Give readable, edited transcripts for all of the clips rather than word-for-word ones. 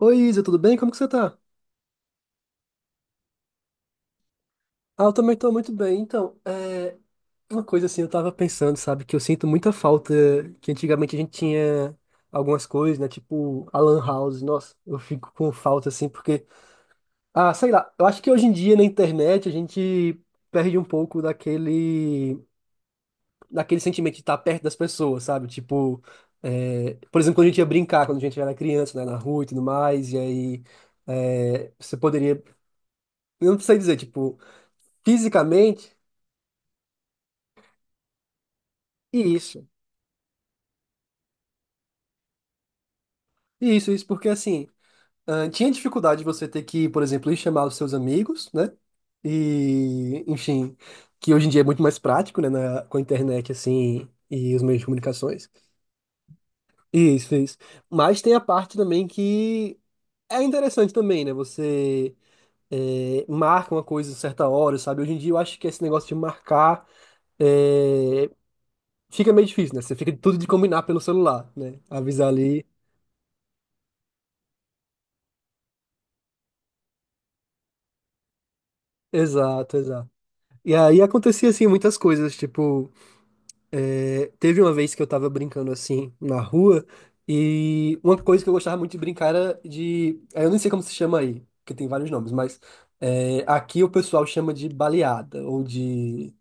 Oi, Isa, tudo bem? Como que você tá? Ah, eu também tô muito bem. Então, uma coisa assim, eu tava pensando, sabe, que eu sinto muita falta que antigamente a gente tinha algumas coisas, né? Tipo, a Lan House. Nossa, eu fico com falta assim, porque, ah, sei lá, eu acho que hoje em dia na internet a gente perde um pouco daquele, daquele sentimento de estar perto das pessoas, sabe? Tipo, por exemplo, quando a gente ia brincar, quando a gente era criança, né, na rua e tudo mais, e aí você poderia, eu não sei dizer, tipo, fisicamente. Isso, isso, isso, porque assim, ah, tinha dificuldade de você ter que, por exemplo, ir chamar os seus amigos, né? E, enfim, que hoje em dia é muito mais prático, né, com a internet, assim, e os meios de comunicações. Isso, isso. Mas tem a parte também que é interessante também, né? Você marca uma coisa a certa hora, sabe? Hoje em dia eu acho que esse negócio de marcar eh, fica meio difícil, né? Você fica tudo de combinar pelo celular, né? Avisar ali. Exato, exato. E aí acontecia, assim, muitas coisas, tipo, teve uma vez que eu tava brincando, assim, na rua, e uma coisa que eu gostava muito de brincar era de, aí eu nem sei como se chama aí, porque tem vários nomes, mas aqui o pessoal chama de baleada, ou de,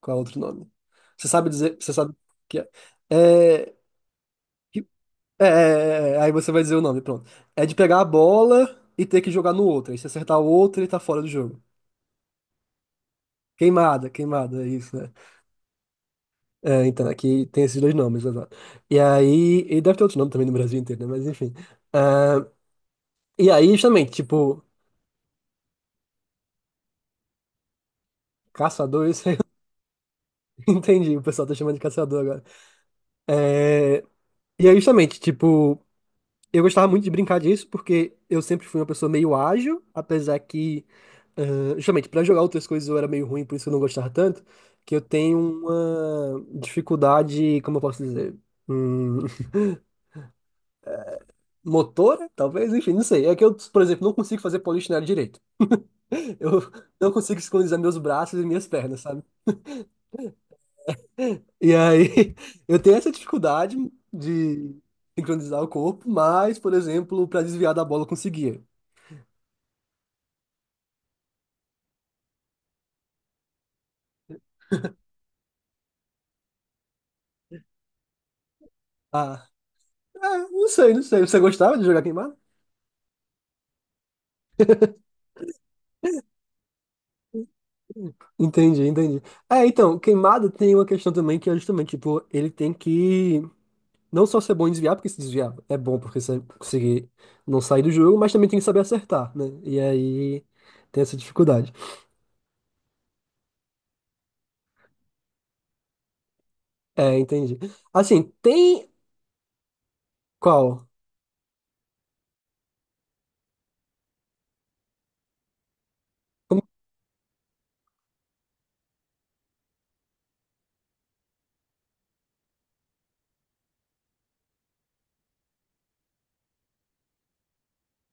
qual é o outro nome? Você sabe dizer, você sabe o que é? É, que- aí você vai dizer o nome, pronto. É de pegar a bola e ter que jogar no outro, aí se acertar o outro, ele tá fora do jogo. Queimada, é isso, né? É, então, aqui tem esses dois nomes, exato. E aí, e deve ter outros nomes também no Brasil inteiro, né? Mas enfim. Ah, e aí, justamente, tipo, caçador, isso aí eu entendi, o pessoal tá chamando de caçador agora. É, e aí, justamente, tipo, eu gostava muito de brincar disso, porque eu sempre fui uma pessoa meio ágil, apesar que, ah, justamente, pra jogar outras coisas eu era meio ruim, por isso eu não gostava tanto, que eu tenho uma dificuldade, como eu posso dizer? Hum, motora, talvez, enfim, não sei. É que eu, por exemplo, não consigo fazer polichinelo direito. Eu não consigo sincronizar meus braços e minhas pernas, sabe? E aí, eu tenho essa dificuldade de sincronizar o corpo, mas, por exemplo, pra desviar da bola eu conseguia. Ah, é, não sei, não sei. Você gostava de jogar queimada? Entendi, entendi. É, então, queimada tem uma questão também que é justamente, tipo, ele tem que não só ser bom em desviar, porque se desviar é bom porque você conseguir não sair do jogo, mas também tem que saber acertar, né? E aí tem essa dificuldade. É, entendi. Assim, tem qual?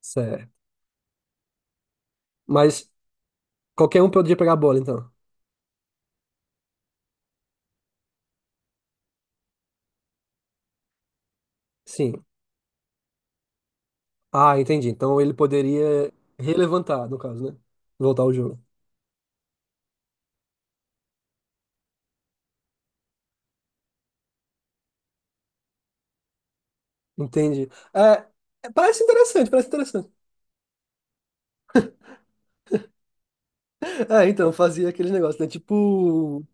Certo. Mas qualquer um poderia pegar a bola, então. Sim. Ah, entendi. Então ele poderia relevantar, no caso, né? Voltar ao jogo. Entendi. É, é, parece interessante, parece interessante. É, então, fazia aqueles negócios, né? Tipo.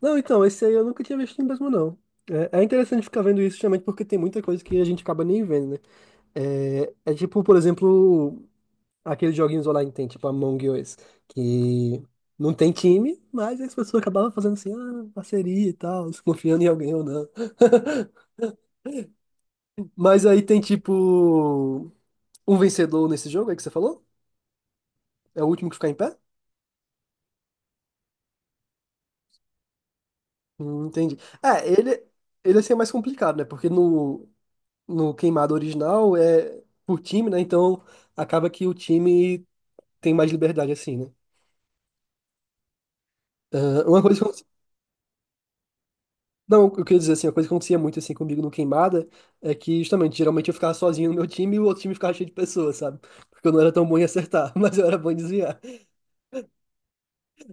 Não, então, esse aí eu nunca tinha visto mesmo, não. É, é interessante ficar vendo isso, justamente porque tem muita coisa que a gente acaba nem vendo, né? É, é tipo, por exemplo, aqueles joguinhos online que tem, tipo Among Us, que não tem time, mas as pessoas acabavam fazendo assim, ah, parceria e tal, se confiando em alguém ou não. Mas aí tem tipo um vencedor nesse jogo aí que você falou? É o último que ficar em pé? Entendi. É, ele assim é mais complicado, né? Porque no queimado original é por time, né? Então acaba que o time tem mais liberdade assim, né? Ah, uma coisa Não, eu queria dizer assim, a coisa que acontecia muito assim comigo no Queimada é que justamente, geralmente eu ficava sozinho no meu time e o outro time ficava cheio de pessoas, sabe? Porque eu não era tão bom em acertar, mas eu era bom em desviar.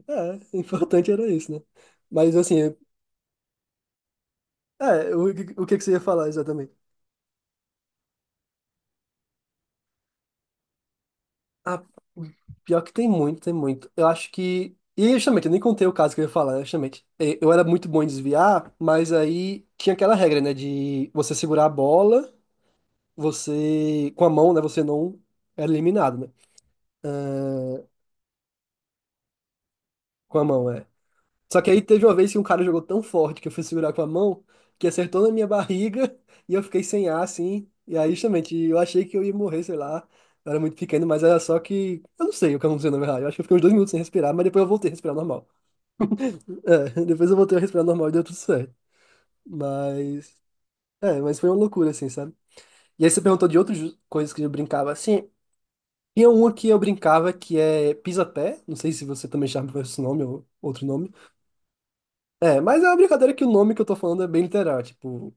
É, o importante era isso, né? Mas assim, é, o que que você ia falar exatamente? Ah, pior que tem muito, tem muito. Eu acho que. E justamente, eu nem contei o caso que eu ia falar, né, justamente. É, eu era muito bom em desviar, mas aí tinha aquela regra, né? De você segurar a bola, você. Com a mão, né? Você não era eliminado, né? Com a mão, é. Só que aí teve uma vez que um cara jogou tão forte que eu fui segurar com a mão, que acertou na minha barriga e eu fiquei sem ar, assim. E aí, justamente, eu achei que eu ia morrer, sei lá. Eu era muito pequeno, mas era só que. Eu não sei o que aconteceu, na verdade. Eu acho que eu fiquei uns 2 minutos sem respirar, mas depois eu voltei a respirar normal. É, depois eu voltei a respirar normal e deu tudo certo. Mas. É, mas foi uma loucura, assim, sabe? E aí você perguntou de outras coisas que eu brincava, assim. Tinha uma que eu brincava que é pisa-pé. Não sei se você também chama por esse nome ou outro nome. É, mas é uma brincadeira que o nome que eu tô falando é bem literal, tipo,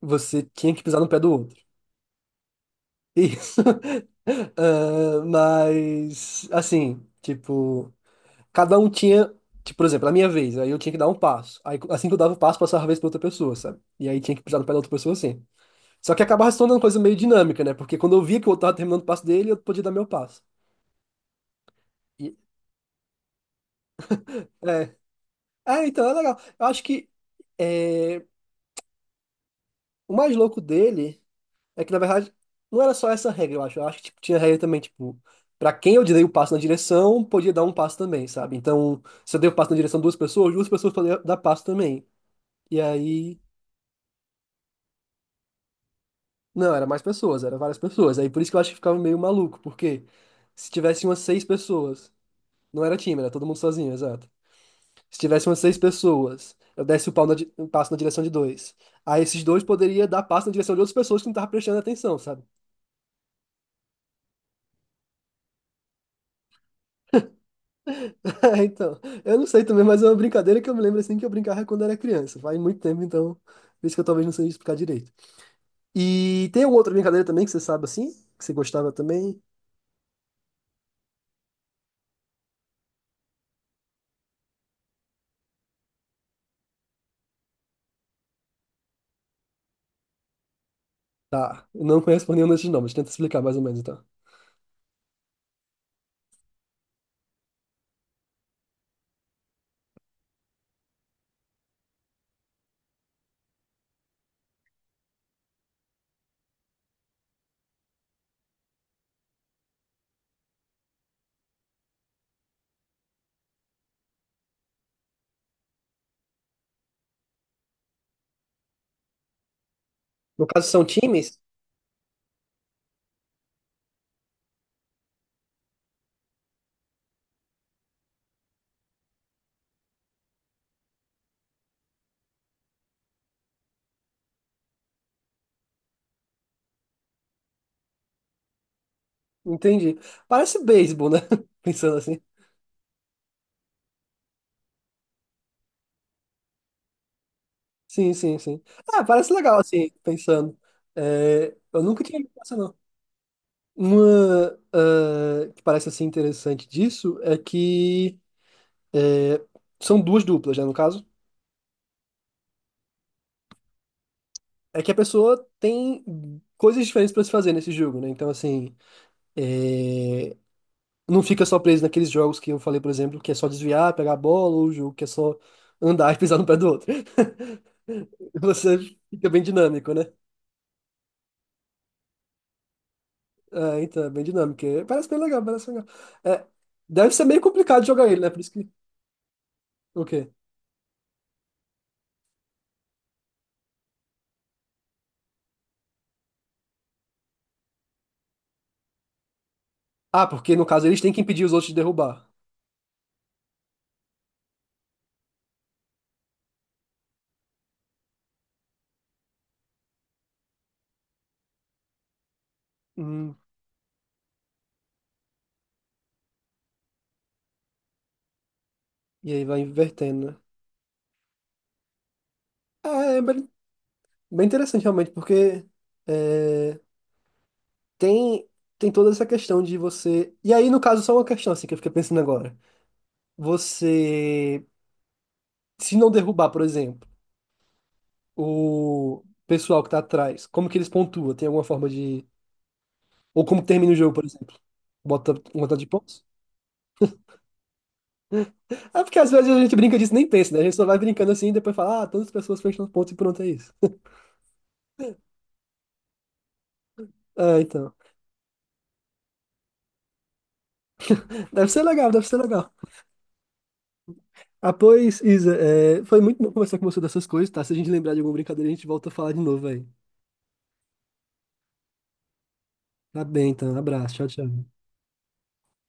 você tinha que pisar no pé do outro. Isso. Ah, mas, assim, tipo, cada um tinha, tipo, por exemplo, na minha vez, aí eu tinha que dar um passo. Aí, assim que eu dava o passo, passava a vez pra outra pessoa, sabe? E aí tinha que pisar no pé da outra pessoa, assim. Só que acabava se tornando uma coisa meio dinâmica, né? Porque quando eu via que o outro tava terminando o passo dele, eu podia dar meu passo. E, é. É, então é legal. Eu acho que é, o mais louco dele. É que, na verdade, não era só essa regra, eu acho. Eu acho que tipo, tinha regra também, tipo, pra quem eu dei o passo na direção, podia dar um passo também, sabe? Então, se eu dei o passo na direção de duas pessoas podiam dar passo também. E aí. Não, era mais pessoas, era várias pessoas. Aí por isso que eu acho que ficava meio maluco, porque se tivesse umas seis pessoas, não era time, era todo mundo sozinho, exato. Se tivesse umas seis pessoas, eu desse o pau na um passo na direção de dois. Aí esses dois poderia dar passo na direção de outras pessoas que não estavam prestando atenção, sabe? então, eu não sei também, mas é uma brincadeira que eu me lembro assim que eu brincava quando era criança. Faz muito tempo, então, por isso que eu talvez não sei explicar direito. E tem alguma outra brincadeira também que você sabe assim? Que você gostava também? Tá, eu não conheço por nenhum desses nomes, tenta explicar mais ou menos então. No caso, são times? Entendi. Parece beisebol, né? Pensando assim. Sim, sim, sim. Ah, parece legal assim, pensando. É, eu nunca tinha visto essa, não. Uma, ah, que parece assim interessante disso é que. É, são duas duplas, né, no caso? É que a pessoa tem coisas diferentes para se fazer nesse jogo, né? Então, assim, é, não fica só preso naqueles jogos que eu falei, por exemplo, que é só desviar, pegar a bola, ou o jogo que é só andar e pisar no pé do outro. Você fica bem dinâmico, né? É, então, é bem dinâmico. É, parece bem legal, parece legal. É, deve ser meio complicado jogar ele, né? Por isso que. O quê? Ah, porque no caso eles têm que impedir os outros de derrubar. Hum, e aí vai invertendo, né? É, é bem interessante realmente, porque. É, tem tem toda essa questão de você. E aí, no caso, só uma questão assim que eu fiquei pensando agora. Você, se não derrubar, por exemplo, o pessoal que tá atrás, como que eles pontuam? Tem alguma forma de. Ou como termina o jogo, por exemplo? Bota um montão de pontos? É porque às vezes a gente brinca disso e nem pensa, né? A gente só vai brincando assim e depois fala, ah, todas as pessoas fecham os pontos e pronto, é isso. Ah, então. Deve ser legal, deve ser legal. Ah, pois, Isa, é, foi muito bom conversar com você dessas coisas, tá? Se a gente lembrar de alguma brincadeira, a gente volta a falar de novo aí. Tá bem, então. Abraço. Tchau, tchau.